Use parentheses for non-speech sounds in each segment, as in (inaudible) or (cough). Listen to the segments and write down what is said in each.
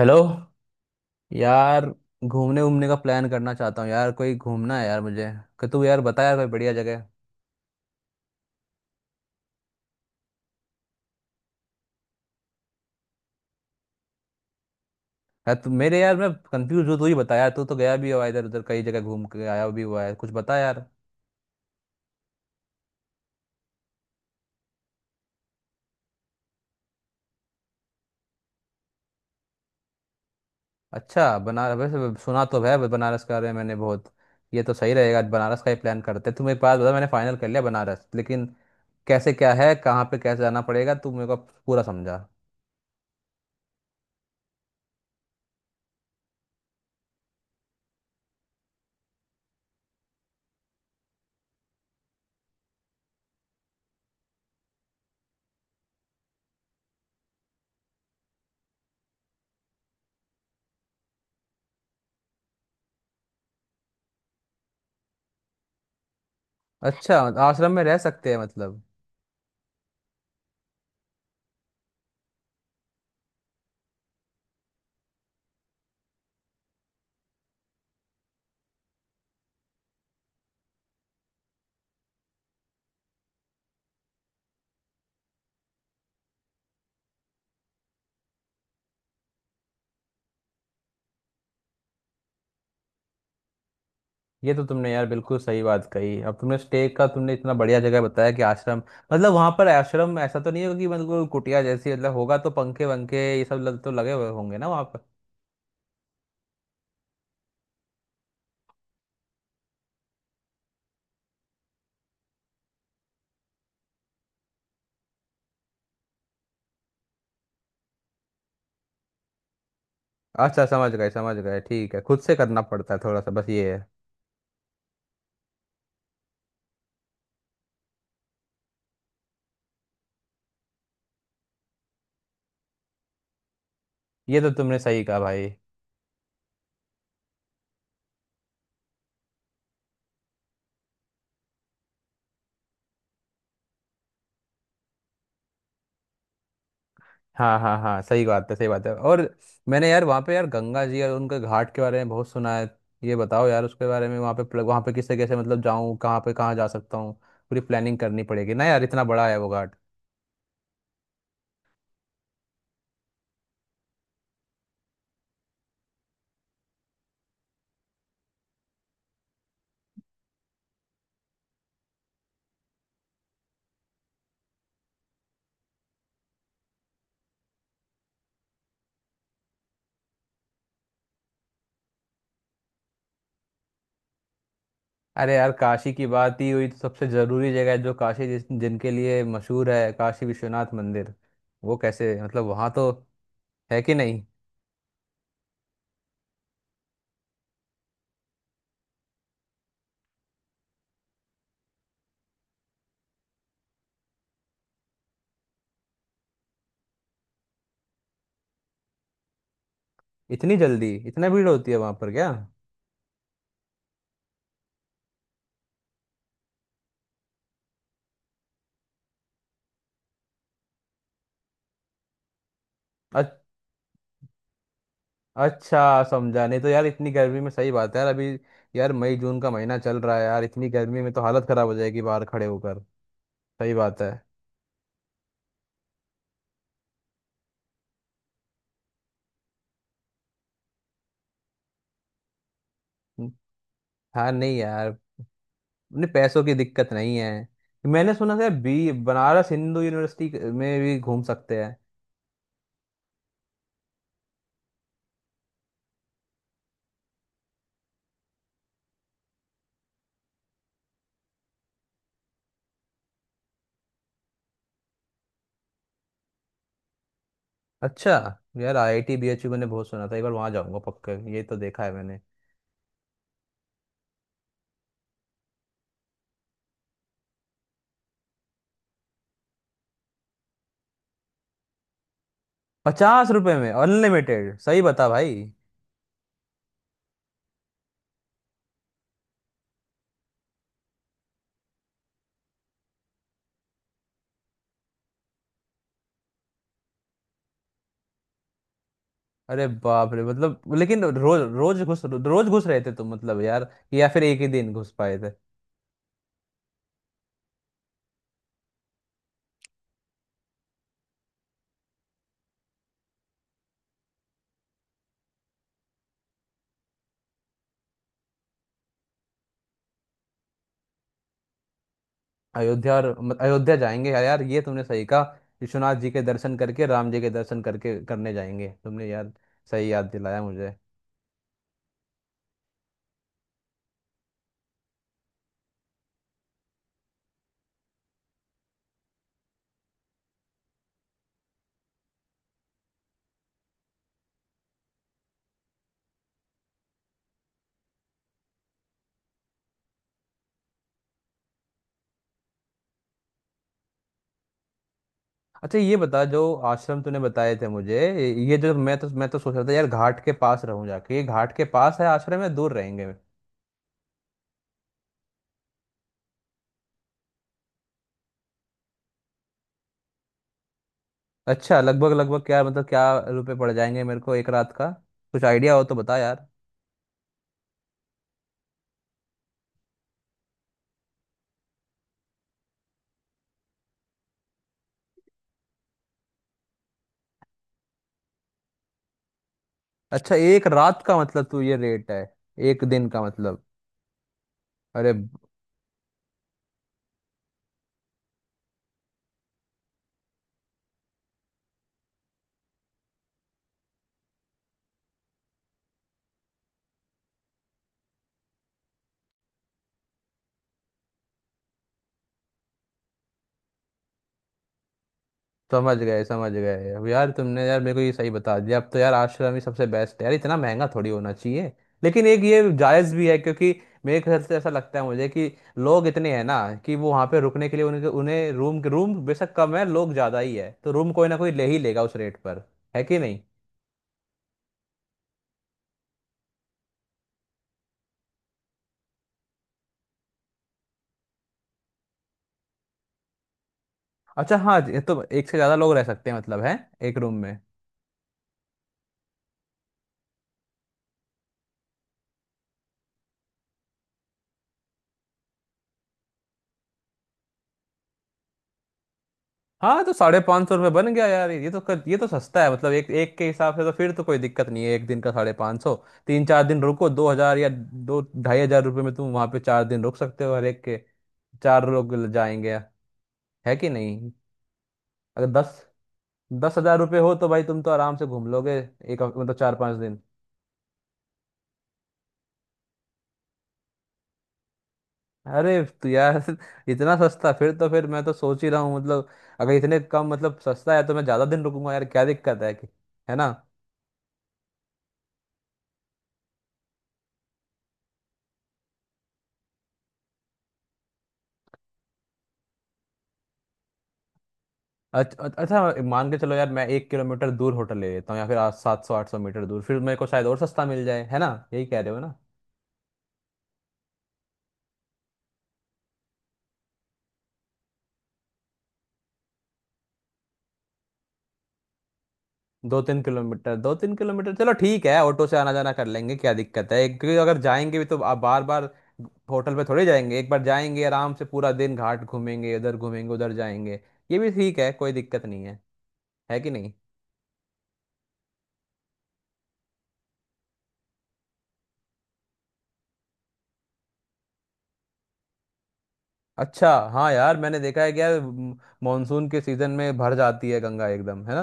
Hello. यार, घूमने घूमने का प्लान करना चाहता हूँ यार। कोई घूमना है यार मुझे कि तू यार बता यार कोई बढ़िया जगह। यार, तू मेरे यार मैं कंफ्यूज हूँ, तू ही बता यार। तू तो गया भी हुआ इधर उधर, कई जगह घूम के आया भी हुआ है, कुछ बता यार। अच्छा, बनारस वैसे सुना तो है, बनारस का रहे मैंने बहुत। ये तो सही रहेगा, बनारस का ही प्लान करते हैं। तू मेरे पास बता, मैंने फाइनल कर लिया बनारस। लेकिन कैसे क्या है, कहाँ पे, कैसे जाना पड़ेगा, तू मेरे को पूरा समझा। अच्छा। आश्रम में रह सकते हैं मतलब? ये तो तुमने यार बिल्कुल सही बात कही। अब तुमने स्टे का तुमने इतना बढ़िया जगह बताया कि आश्रम, मतलब वहां पर आश्रम ऐसा तो नहीं होगा कि बिल्कुल कुटिया जैसी, मतलब होगा तो पंखे वंखे ये सब तो लगे हुए होंगे ना वहां पर? अच्छा, समझ गए समझ गए। ठीक है, खुद से करना पड़ता है थोड़ा सा, बस ये है। ये तो तुमने सही कहा भाई। हाँ हाँ हाँ, सही बात है सही बात है। और मैंने यार वहाँ पे यार गंगा जी और उनके घाट के बारे में बहुत सुना है। ये बताओ यार उसके बारे में, वहाँ पे वहाँ पे किससे कैसे मतलब जाऊँ, कहाँ पे कहाँ जा सकता हूँ? पूरी प्लानिंग करनी पड़ेगी ना यार, इतना बड़ा है वो घाट। अरे यार, काशी की बात ही हुई तो सबसे जरूरी जगह है जो काशी जिस जिनके लिए मशहूर है, काशी विश्वनाथ मंदिर। वो कैसे मतलब वहां तो है कि नहीं? इतनी जल्दी इतना भीड़ होती है वहां पर क्या? अच- अच्छा समझा। नहीं तो यार इतनी गर्मी में, सही बात है यार अभी। यार मई जून का महीना चल रहा है यार, इतनी गर्मी में तो हालत खराब हो जाएगी बाहर खड़े होकर। सही बात है। हम्म, हाँ नहीं यार, अपने पैसों की दिक्कत नहीं है। मैंने सुना था बी बनारस हिंदू यूनिवर्सिटी में भी घूम सकते हैं। अच्छा। यार, आईआईटी बीएचयू मैंने बहुत सुना था, एक बार वहां जाऊंगा पक्का, ये तो देखा है मैंने। 50 रुपए में अनलिमिटेड, सही बता भाई। अरे बाप रे, मतलब लेकिन रोज रोज घुस, रोज घुस रहे थे तुम मतलब यार? या फिर एक ही दिन घुस पाए थे? अयोध्या और मत- अयोध्या जाएंगे यार यार, ये तुमने सही कहा। विश्वनाथ जी के दर्शन करके, राम जी के दर्शन करके करने जाएंगे तुमने यार। सही याद दिलाया मुझे। अच्छा, ये बता, जो आश्रम तूने बताए थे मुझे ये, जो मैं तो सोच रहा था यार घाट के पास रहूं जाके, ये घाट के पास है आश्रम या दूर रहेंगे? अच्छा, लगभग लगभग क्या मतलब, क्या रुपए पड़ जाएंगे मेरे को एक रात का? कुछ आइडिया हो तो बता यार। अच्छा, एक रात का मतलब तू ये रेट है एक दिन का मतलब? अरे समझ गए समझ गए। अब यार तुमने यार मेरे को ये सही बता दिया। अब तो यार आश्रम ही सबसे बेस्ट है यार, इतना महंगा थोड़ी होना चाहिए। लेकिन एक ये जायज़ भी है, क्योंकि मेरे ख्याल से ऐसा लगता है मुझे कि लोग इतने हैं ना, कि वो वहाँ पे रुकने के लिए उनके उन्हें रूम रूम बेशक कम है, लोग ज़्यादा ही है, तो रूम कोई ना कोई ले ही लेगा उस रेट पर, है कि नहीं? अच्छा हाँ, ये तो एक से ज्यादा लोग रह सकते हैं मतलब है एक रूम में? हाँ तो 550 रुपये बन गया यार। ये तो ये तो सस्ता है मतलब एक एक के हिसाब से, तो फिर तो कोई दिक्कत नहीं है। एक दिन का 550, 3-4 दिन रुको, 2,000 या 2,000-2,500 रुपये में तुम वहाँ पे 4 दिन रुक सकते हो हर एक के, चार लोग जाएंगे, है कि नहीं? अगर दस दस हजार रुपये हो तो भाई तुम तो आराम से घूम लोगे, मतलब 4-5 दिन। अरे तो यार (laughs) इतना सस्ता! फिर तो फिर मैं तो सोच ही रहा हूँ मतलब, अगर इतने कम मतलब सस्ता है तो मैं ज्यादा दिन रुकूंगा यार, क्या दिक्कत है कि? है ना? अच्छा, मान के चलो यार मैं 1 किलोमीटर दूर होटल ले लेता हूँ, या फिर आज 700-800 मीटर दूर, फिर मेरे को शायद और सस्ता मिल जाए, है ना? यही कह रहे हो ना? 2-3 किलोमीटर 2-3 किलोमीटर, चलो ठीक है, ऑटो से आना जाना कर लेंगे क्या दिक्कत है। क्योंकि अगर जाएंगे भी तो आप बार बार होटल पे थोड़े जाएंगे, एक बार जाएंगे आराम से, पूरा दिन घाट घूमेंगे इधर, घूमेंगे उधर जाएंगे, ये भी ठीक है कोई दिक्कत नहीं है, है कि नहीं? अच्छा हाँ यार, मैंने देखा है क्या मानसून के सीजन में भर जाती है गंगा एकदम, है ना?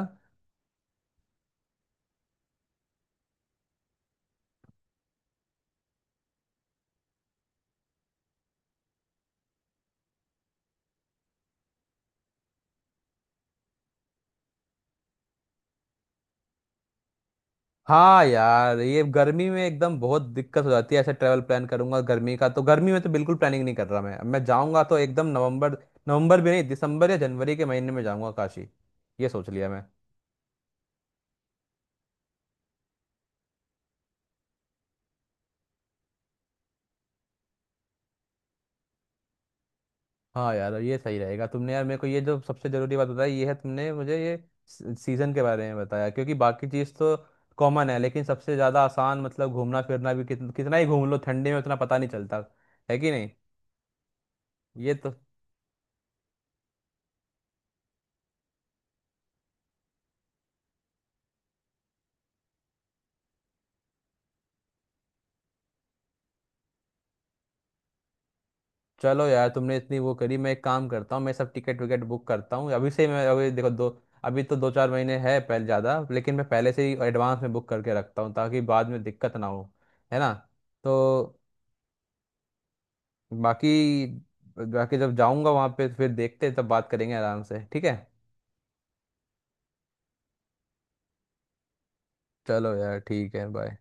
हाँ यार, ये गर्मी में एकदम बहुत दिक्कत हो जाती है, ऐसे ट्रैवल प्लान करूंगा गर्मी का? तो गर्मी में तो बिल्कुल प्लानिंग नहीं कर रहा मैं, अब मैं जाऊंगा तो एकदम नवंबर। नवंबर भी नहीं, दिसंबर या जनवरी के महीने में जाऊंगा काशी, ये सोच लिया मैं। हाँ यार, ये सही रहेगा। तुमने यार मेरे को ये जो सबसे जरूरी बात बताई ये है, तुमने मुझे ये सीजन के बारे में बताया, क्योंकि बाकी चीज़ तो कॉमन है। लेकिन सबसे ज़्यादा आसान मतलब घूमना फिरना भी कितना ही घूम लो ठंडे में उतना पता नहीं चलता, है कि नहीं? ये तो चलो यार, तुमने इतनी वो करी। मैं एक काम करता हूँ, मैं सब टिकट विकेट बुक करता हूँ अभी से। मैं अभी देखो दो, अभी तो 2-4 महीने है पहले ज़्यादा, लेकिन मैं पहले से ही एडवांस में बुक करके रखता हूँ ताकि बाद में दिक्कत ना हो, है ना? तो बाकी बाकी, जब जाऊंगा वहां पे फिर देखते हैं, तब बात करेंगे आराम से, ठीक है। चलो यार, ठीक है, बाय।